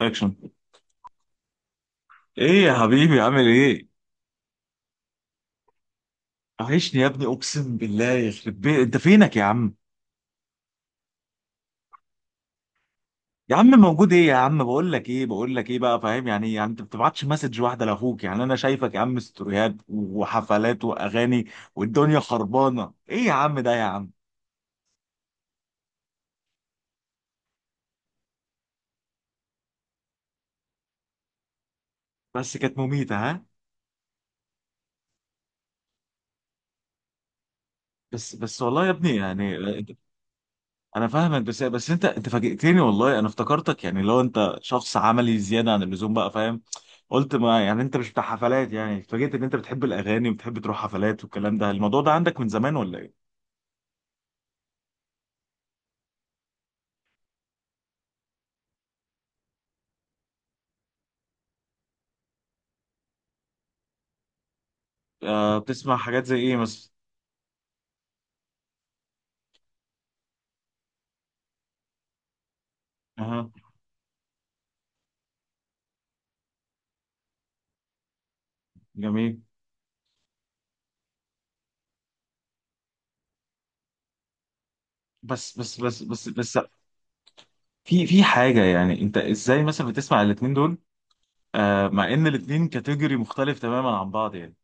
اكشن. ايه يا حبيبي، عامل ايه؟ وحشني يا ابني، اقسم بالله يخرب بيت، انت فينك يا عم؟ يا عم موجود. ايه يا عم؟ بقول لك ايه، بقول لك ايه بقى، فاهم يعني إيه؟ يعني انت ما بتبعتش مسج واحده لاخوك؟ يعني انا شايفك يا عم ستوريات وحفلات واغاني والدنيا خربانه. ايه يا عم ده يا عم؟ بس كانت مميته، ها؟ بس بس والله يا ابني يعني. انا فاهمك، بس بس انت فاجئتني والله. انا افتكرتك يعني لو انت شخص عملي زياده عن اللزوم بقى، فاهم؟ قلت ما يعني انت مش بتاع حفلات. يعني اتفاجئت ان انت بتحب الاغاني وبتحب تروح حفلات والكلام ده. الموضوع ده عندك من زمان ولا ايه؟ آه، بتسمع حاجات زي ايه مثلا؟ اها. جميل. بس بس بس بس بس. في حاجه، يعني انت ازاي مثلا بتسمع الاتنين دول؟ آه، مع ان الاتنين كاتيجوري مختلف تماما عن بعض يعني.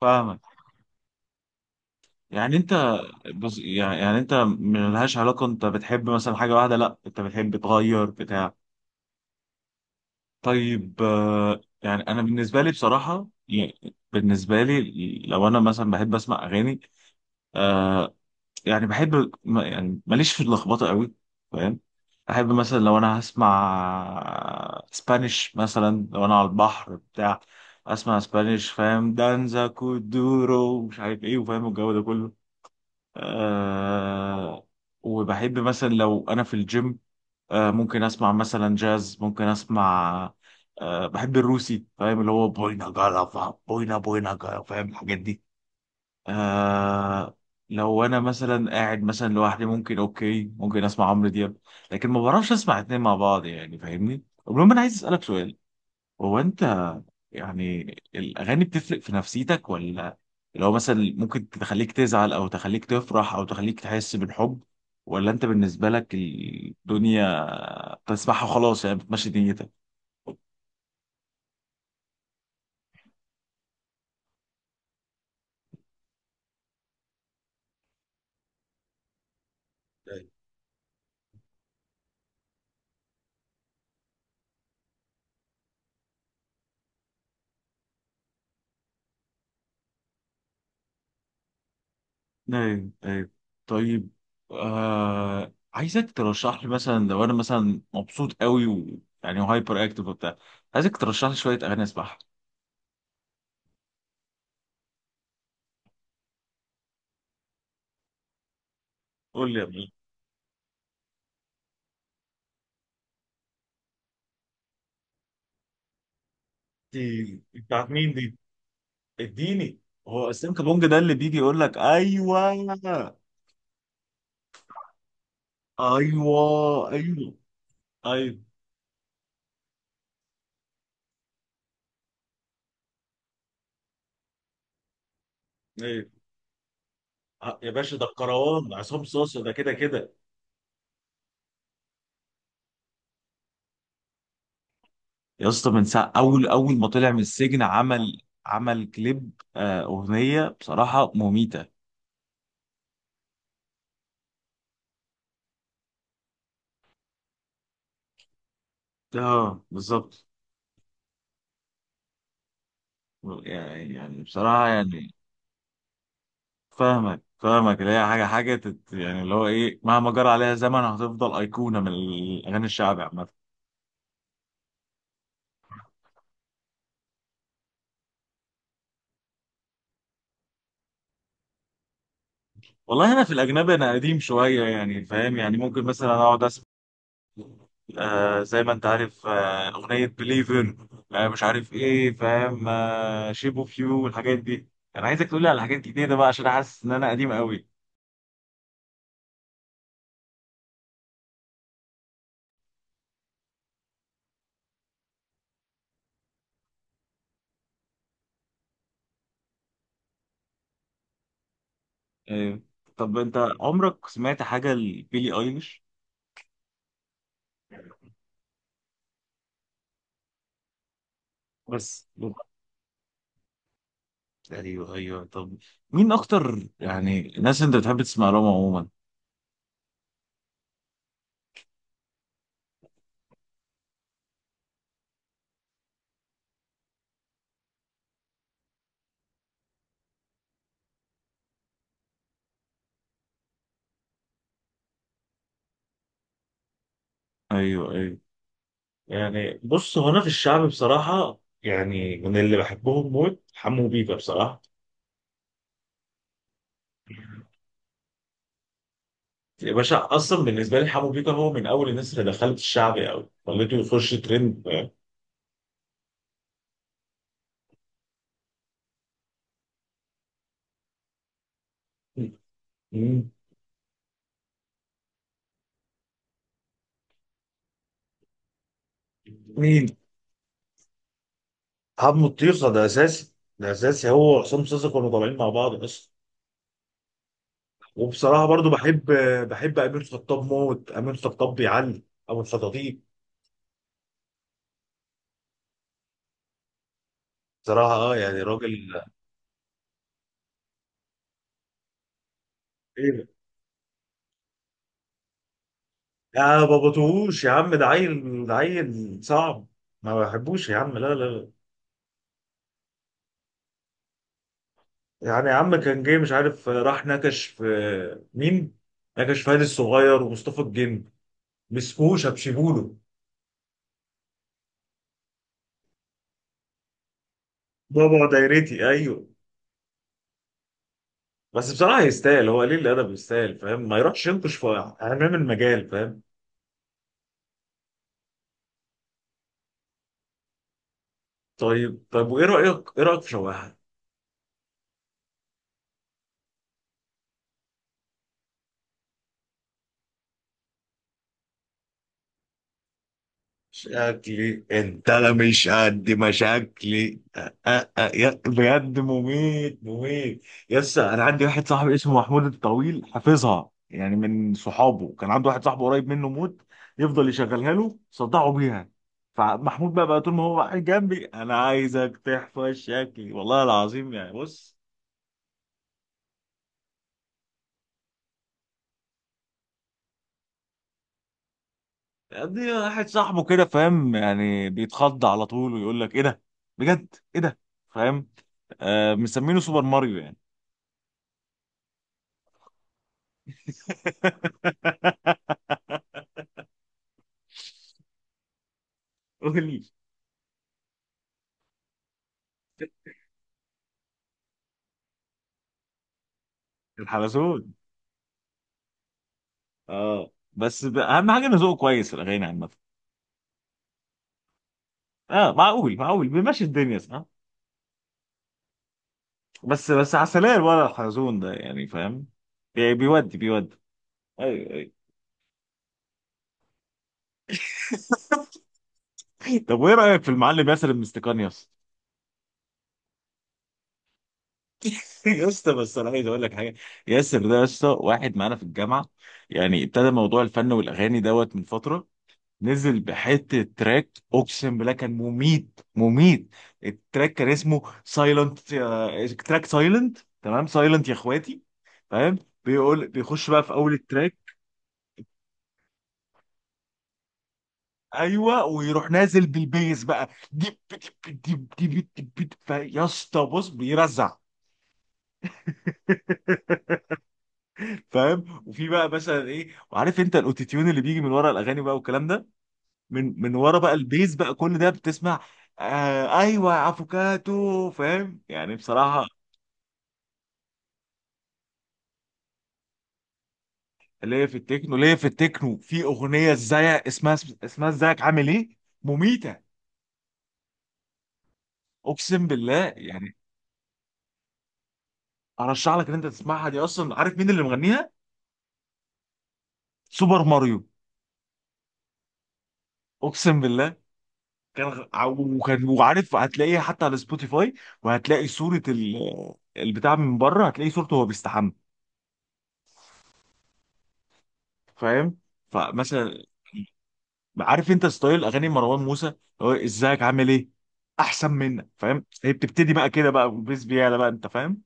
فاهمك. يعني انت، بص، يعني انت ملهاش علاقة؟ انت بتحب مثلا حاجة واحدة، لا انت بتحب تغير، بتاع؟ طيب آه، يعني انا بالنسبة لي بصراحة، يعني بالنسبة لي لو انا مثلا بحب اسمع اغاني، آه، يعني بحب يعني ماليش في اللخبطة قوي، فاهم؟ احب مثلا لو انا هسمع اسبانيش، مثلا لو انا على البحر بتاع، اسمع اسبانيش. فاهم دانزا كودورو، مش عارف ايه، وفاهم الجو ده كله. آه. وبحب مثلا لو انا في الجيم، آه، ممكن اسمع مثلا جاز، ممكن اسمع آه، بحب الروسي، فاهم، اللي هو بوينا جالافا، بوينا بوينا جالافا، فاهم الحاجات دي. آه. لو انا مثلا قاعد مثلا لوحدي، ممكن اوكي، ممكن اسمع عمرو دياب. لكن ما بعرفش اسمع اتنين مع بعض يعني، فاهمني؟ المهم انا عايز اسالك سؤال. هو انت يعني الاغاني بتفرق في نفسيتك ولا؟ لو مثلا ممكن تخليك تزعل او تخليك تفرح او تخليك تحس بالحب، ولا انت بالنسبه لك الدنيا بتسمعها خلاص، يعني بتمشي دنيتك؟ أيوة. ايوه ايوه. طيب آه، عايزك ترشح لي مثلا لو انا مثلا مبسوط قوي و، يعني، هايبر اكتيف وبتاع، عايزك ترشح لي شويه اغاني اسمعها. قول لي يا ابني. دي بتاعت مين دي؟ اديني. هو اسلام كابونج ده اللي بيجي يقول لك ايوه ايوه؟ ايوه ايوه ايوه. يا باشا، ده الكروان عصام صاصا ده، كده كده. يا اسطى، من ساعه اول اول ما طلع من السجن عمل عمل كليب، آه، اغنيه بصراحه مميته. اه، بالظبط. يعني بصراحه يعني، فاهمك فاهمك، اللي هي حاجه حاجه تت، يعني اللي هو ايه، مهما جرى عليها زمن هتفضل ايقونه من الاغاني الشعبي عامه. والله انا في الاجنبي انا قديم شويه يعني، فاهم؟ يعني ممكن مثلا اقعد اسمع آه زي ما انت عارف، آه، اغنيه بليفر، آه، مش عارف ايه، فاهم، آه، شيب اوف يو والحاجات دي. انا عايزك تقول لي على حاجات جديده بقى عشان حاسس ان انا قديم قوي. آه. طب انت عمرك سمعت حاجه لبيلي ايليش؟ بس. ايوه ايوه. طب مين اكتر يعني الناس انت بتحب تسمع لهم عموما؟ ايوه ايوه. يعني بص، هو انا في الشعب بصراحه يعني من اللي بحبهم موت حمو بيكا بصراحه. يا باشا اصلا بالنسبه لي حمو بيكا هو من اول الناس اللي دخلت الشعبي او خليته يخش ترند. مم. مين؟ حمو الطيخه ده اساسي. ده اساسي، هو وعصام صاصا كانوا طالعين مع بعض اصلا. وبصراحه برضو بحب، بحب امير خطاب موت، امير خطاب بيعلي ابو الخطاطيب. بصراحه اه، يعني راجل. ايه ده؟ يا بابا طوش يا عم، ده عيل، ده عيل صعب. ما بحبوش يا عم، لا لا لا. يعني يا عم كان جاي مش عارف راح نكش في، مين؟ نكش في هاني الصغير ومصطفى الجن. مسكوه شبشبوله. بابا دايرتي، ايوه. بس بصراحه يستاهل، هو قليل الادب يستاهل، فاهم، ما يروحش ينقش في حمام المجال، فاهم؟ طيب طيب. وايه رايك، ايه رايك في شواحه؟ شكلي انت، لا مش قد مشاكلي، بجد مميت مميت. يس انا عندي واحد صاحبي اسمه محمود الطويل حافظها، يعني من صحابه كان عنده واحد صاحبه قريب منه موت، يفضل يشغلها له، صدعه بيها. فمحمود بقى طول ما هو قاعد جنبي: انا عايزك تحفظ شكلي، والله العظيم، يعني بص. دي واحد صاحبه كده، فاهم، يعني بيتخض على طول ويقول لك ايه ده، بجد ايه ده، فاهم؟ آه، مسمينه سوبر ماريو يعني. قولي. الحلزون. اه بس اهم حاجه انه ذوقه كويس في الاغاني عامه. اه، معقول معقول، بيمشي الدنيا صح. بس بس عسلية ولا الحلزون ده يعني، فاهم، بيودي بيودي. ايوه ايوه. طب وايه رايك في المعلم ياسر المستكان يا اسطى؟ يا اسطى بس انا عايز اقول لك حاجه. ياسر ده يا اسطى واحد معانا في الجامعه، يعني ابتدى موضوع الفن والاغاني دوت من فتره. نزل بحته تراك اقسم بالله كان مميت مميت. التراك كان اسمه سايلنت. تراك سايلنت، تمام، سايلنت يا اخواتي، فاهم؟ بيقول، بيخش بقى في اول التراك، ايوه، ويروح نازل بالبيز بقى. ديب ديب ديب ديب ديب ديب. يا اسطى بص بيرزع. فاهم؟ وفي بقى مثلا ايه، وعارف انت الاوتوتيون اللي بيجي من ورا الاغاني بقى والكلام ده، من ورا بقى البيز بقى كل ده بتسمع. آه ايوه يا افوكاتو، فاهم يعني بصراحه. ليه في التكنو، ليه في التكنو، في اغنيه ازاي اسمها، اسمها ازيك عامل ايه، مميته، اقسم بالله يعني. ارشح لك ان انت تسمعها. دي اصلا عارف مين اللي مغنيها؟ سوبر ماريو. اقسم بالله. كان وكان وعارف هتلاقيها حتى على سبوتيفاي. وهتلاقي صوره البتاع، من بره هتلاقي صورته وهو بيستحمى، فاهم؟ فمثلا عارف انت ستايل اغاني مروان موسى؟ هو ازيك عامل ايه احسن منك، فاهم؟ هي بتبتدي بقى كده بقى والبيس بيعلى بقى، انت فاهم؟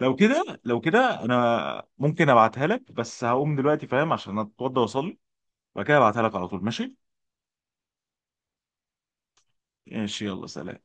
لو كده لو كده انا ممكن ابعتها لك، بس هقوم دلوقتي فاهم عشان اتوضى واصلي. وبعد كده ابعتها لك على طول، ماشي؟ ماشي، يلا سلام.